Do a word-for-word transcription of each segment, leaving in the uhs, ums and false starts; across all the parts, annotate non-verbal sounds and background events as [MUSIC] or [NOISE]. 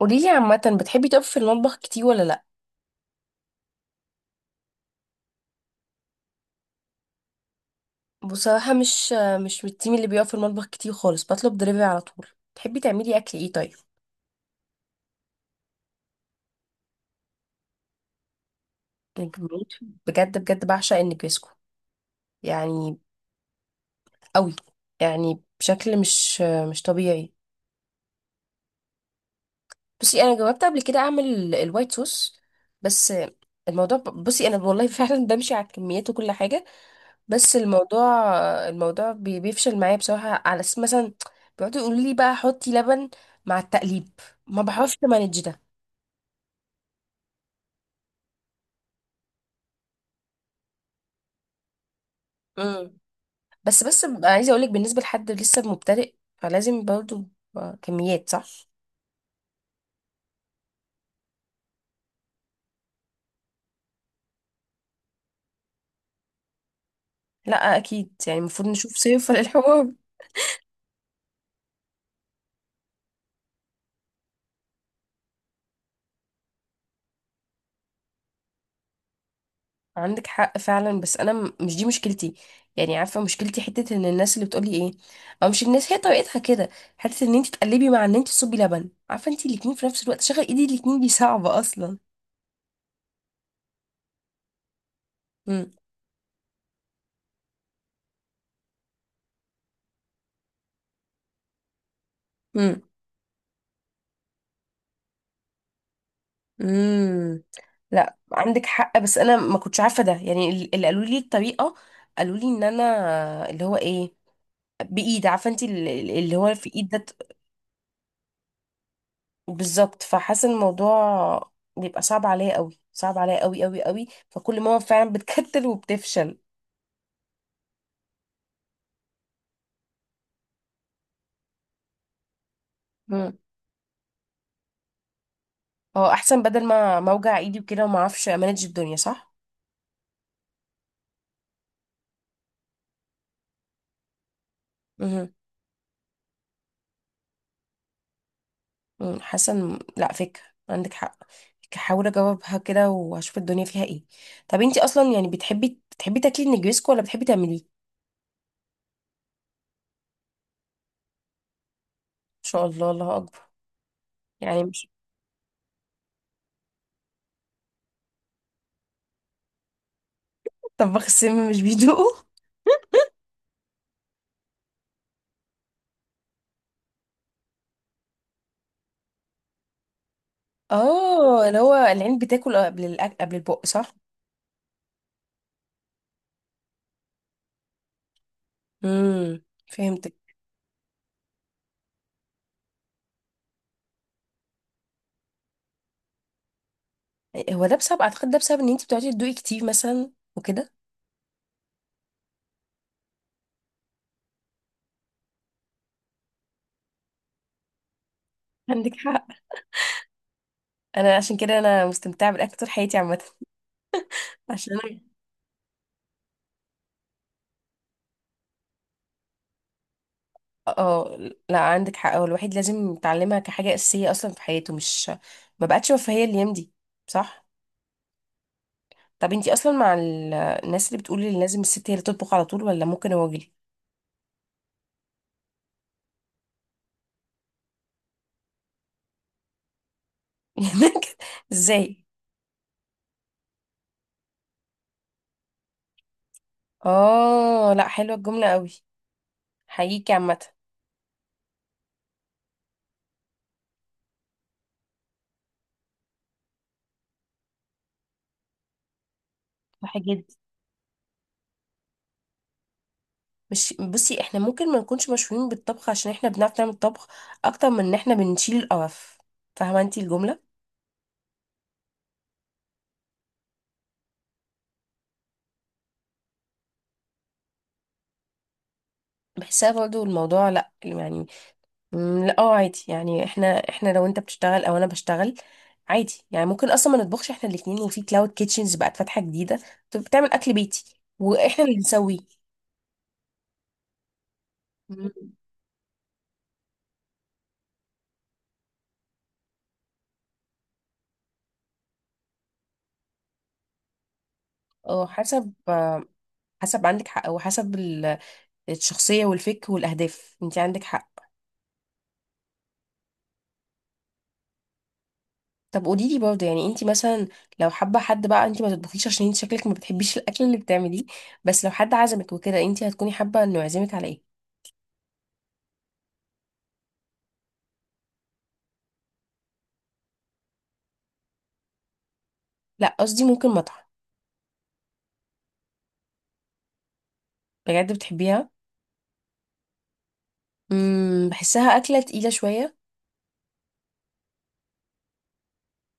قوليلي عامة بتحبي تقفي في المطبخ كتير ولا لأ؟ بصراحة مش مش من التيم اللي بيقف في المطبخ كتير خالص، بطلب دليفري على طول. تحبي تعملي أكل ايه طيب؟ يعني بموت، بجد بجد بعشق النجريسكو، يعني قوي، يعني بشكل مش مش طبيعي. بصي أنا جربت قبل كده أعمل ال- الوايت صوص، بس الموضوع ب- بصي أنا والله [LAUGHS] فعلا بمشي على الكميات وكل حاجة. بس الموضوع الموضوع بي- بيفشل معايا بصراحة، على اساس مثلا بيقعدوا يقولوا لي بقى حطي لبن مع التقليب، ما بعرفش مانج ده. امم بس بس ببقى عايزة اقولك بالنسبة لحد لسه مبتدئ، فلازم برضه كميات صح. لا اكيد، يعني المفروض نشوف صيغة للحوار. عندك حق فعلا، بس انا م- مش دي مشكلتي. يعني عارفة مشكلتي حتة ان الناس اللي بتقولي ايه، او مش الناس هي طريقتها كده. حتة ان انت تقلبي مع ان انت تصبي لبن، عارفة انت الاتنين في نفس الوقت شغل ايدي الاتنين دي صعبة اصلا. امم امم لا عندك حق، بس انا ما كنتش عارفه ده، يعني ال- اللي قالوا لي الطريقه قالوا لي ان انا اللي هو ايه، بايد، عارفه انت اللي هو في ايد ده ت- بالظبط. فحاسه إن الموضوع بيبقى صعب عليا قوي، صعب عليا قوي قوي قوي، فكل ماما فعلا بتكتل وبتفشل. امم هو احسن بدل ما ما اوجع ايدي وكده وما اعرفش امانج الدنيا، صح. امم مم، حاسه إن- لا، فكره، عندك حق. هحاول اجاوبها كده واشوف الدنيا فيها ايه. طب انتي اصلا يعني بتحبي بتحبي تاكلي النجريسكو ولا بتحبي تعمليه؟ ان شاء الله، الله اكبر. يعني مش [LAUGHS] طباخ السم مش بيدوقه. اه اللي هو العين بتاكل قبل الأك... قبل البق، صح. امم فهمتك. هو ده بسبب، اعتقد ده بسبب ان انتي بتقعدي تدوقي كتير مثلا وكده. عندك حق. انا عشان كده انا مستمتعه بالاكل طول حياتي عامه. [LAUGHS] عشان اه، لا عندك حق، هو الواحد لازم يتعلمها كحاجة أساسية أصلا في حياته، مش، ما بقتش رفاهية الأيام دي، صح. طب انتي أصلا مع ال- الناس اللي بتقول ان لازم الست هي اللي تطبخ على طول، ولا ممكن الراجل؟ [LAUGHS] ازاي؟ اه لا حلوة الجملة قوي، حقيقي عامة. صح جدا. مش بصي احنا ممكن ما نكونش مشهورين بالطبخ عشان احنا بنعرف نعمل طبخ اكتر من ان احنا بنشيل القرف، فاهمة انتي الجملة؟ بحسها برضو الموضوع لا يعني، مم، لا اه عادي. يعني احنا احنا لو انت بتشتغل او انا بشتغل، عادي يعني ممكن اصلا ما نطبخش احنا الاتنين، وفي كلاود كيتشنز بقت فاتحه جديده، طب بتعمل اكل بيتي واحنا اللي نسويه. مم. اه حسب، آه، حسب، عندك حق، وحسب ال- الشخصيه والفك والاهداف، انت عندك حق. طب قولي لي برضه، يعني انت مثلا لو حابه، حد بقى انت ما تطبخيش عشان انت شكلك ما بتحبيش الاكل اللي بتعمليه، بس لو حد عزمك وكده انت هتكوني حابه انه يعزمك على ايه؟ لا قصدي ممكن مطعم. بجد بتحبيها؟ امم، بحسها اكله تقيله شويه.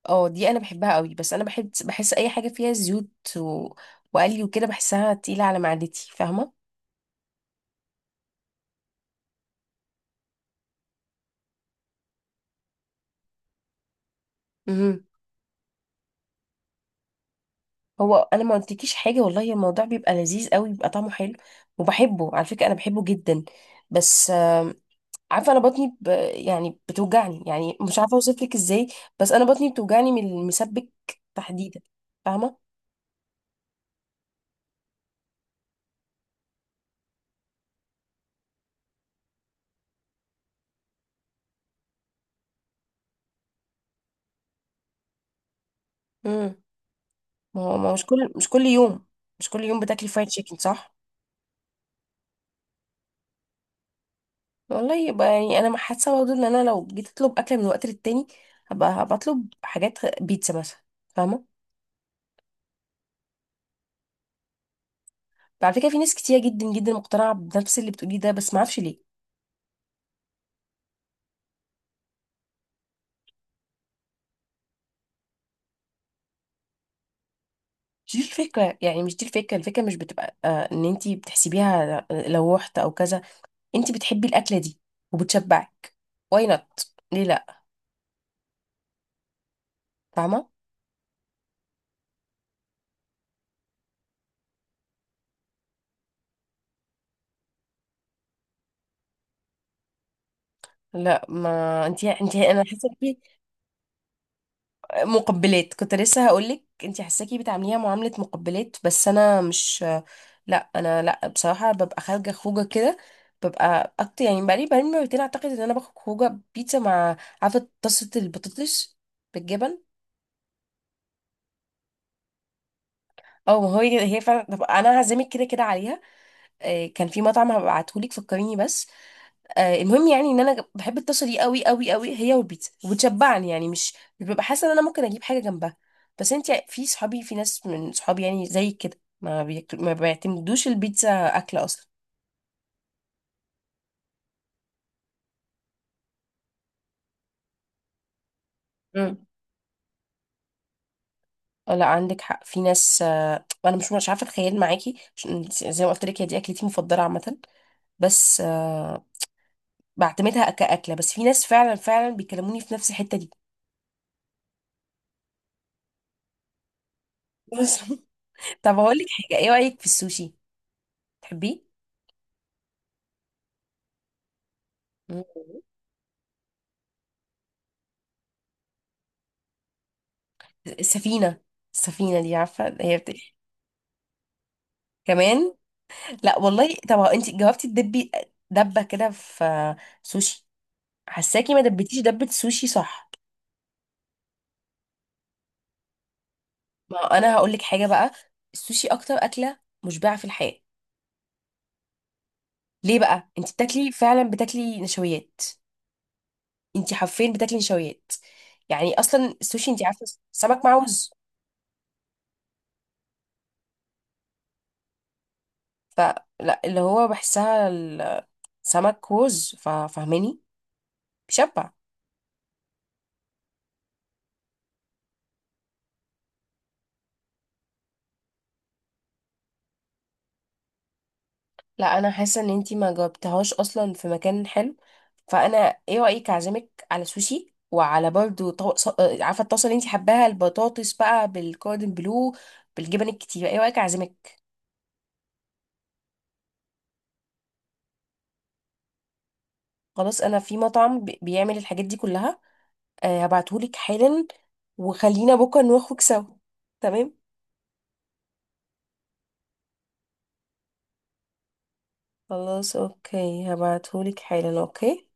اه دي انا بحبها قوي، بس انا بحب، بحس اي حاجه فيها زيوت و... وقلي وكده بحسها تقيله على معدتي، فاهمه. امم. هو انا ما قلتلكيش حاجه، والله الموضوع بيبقى لذيذ قوي، بيبقى طعمه حلو، وبحبه على فكره، انا بحبه جدا، بس آم، عارفه انا بطني ب... يعني بتوجعني، يعني مش عارفه اوصف لك ازاي، بس انا بطني بتوجعني من المسبك تحديدا، فاهمه. امم. ما هو ما هو مش كل مش كل يوم، مش كل يوم بتاكلي فرايد تشيكن، صح. والله يبقى يعني انا حاسه برضه ان انا لو جيت اطلب اكل من وقت للتاني، هبقى هبقى اطلب حاجات غ- بيتزا مثلا، فاهمه. على فكره في ناس كتير جدا جدا مقتنعه بنفس اللي بتقوليه ده، بس ما اعرفش ليه. مش دي الفكره، يعني مش دي الفكره، الفكره مش بتبقى آه ان انتي بتحسبيها لو رحت او كذا، انتي بتحبي الاكله دي وبتشبعك، واي نوت ليه لا، فاهمه. لا ما انتي انتي انا حاسه، مقبلات، كنت لسه هقولك انتي حاساكي بتعامليها معاملة مقبلات، بس انا مش، لا انا لا بصراحة ببقى خارجة خروجة كده، ببقى اكتر، يعني بقالي بقالي مرتين اعتقد ان انا باخد خروجة بيتزا مع، عارفة طاسة البطاطس بالجبن؟ اه ما هو هي هي فعلا، طب انا هعزمك كده كده عليها. آه، كان في مطعم هبعتهولك، فكريني بس. آه، المهم يعني ان انا بحب الطاسه دي قوي قوي قوي، هي والبيتزا، وبتشبعني، يعني مش مش ببقى حاسه ان انا ممكن اجيب حاجه جنبها. بس انت في صحابي، في ناس من صحابي يعني زي كده ما بيكت- ما بيعتمدوش البيتزا اكل اصلا. مم. آه، لا عندك حق، في ناس آه، انا مش مش عارفه اتخيل معاكي، عشان زي ما قلت لك هي دي اكلتي المفضله عامه، بس آه، بعتمدها كاكله، بس في ناس فعلا فعلا بيكلموني في نفس الحته دي. [LAUGHS] طب هقول لك حاجه، ايه رايك في السوشي، تحبيه؟ مم. السفينة، السفينة دي عارفة هي بت... كمان. لا والله طب انت جاوبتي، تدبي دبة كده في سوشي، حساكي ما دبتيش دبة سوشي صح؟ ما هو انا هقول لك حاجة بقى، السوشي اكتر أكلة مشبعة في الحياة. ليه بقى انت بتاكلي، فعلا بتاكلي نشويات، انت حرفيا بتاكلي نشويات، يعني اصلا السوشي انت عارفة سمك مع رز، فلا اللي هو بحسها السمك رز، ففاهماني، بيشبع. لا انا حاسه ان انتي ما جاوبتهاش اصلا في مكان حلو، فانا ايه رايك اعزمك على سوشي وعلى برضو طو... ص- آه، عارفه الطاسه اللي انتي حباها البطاطس بقى بالكوردن بلو بالجبن الكتير، ايه رايك اعزمك؟ خلاص انا في مطعم بي- بيعمل الحاجات دي كلها، أه هبعتهولك حالا، وخلينا بكره نخرج سوا، تمام؟ خلاص اوكي، هبعتهولك حالا. اوكي.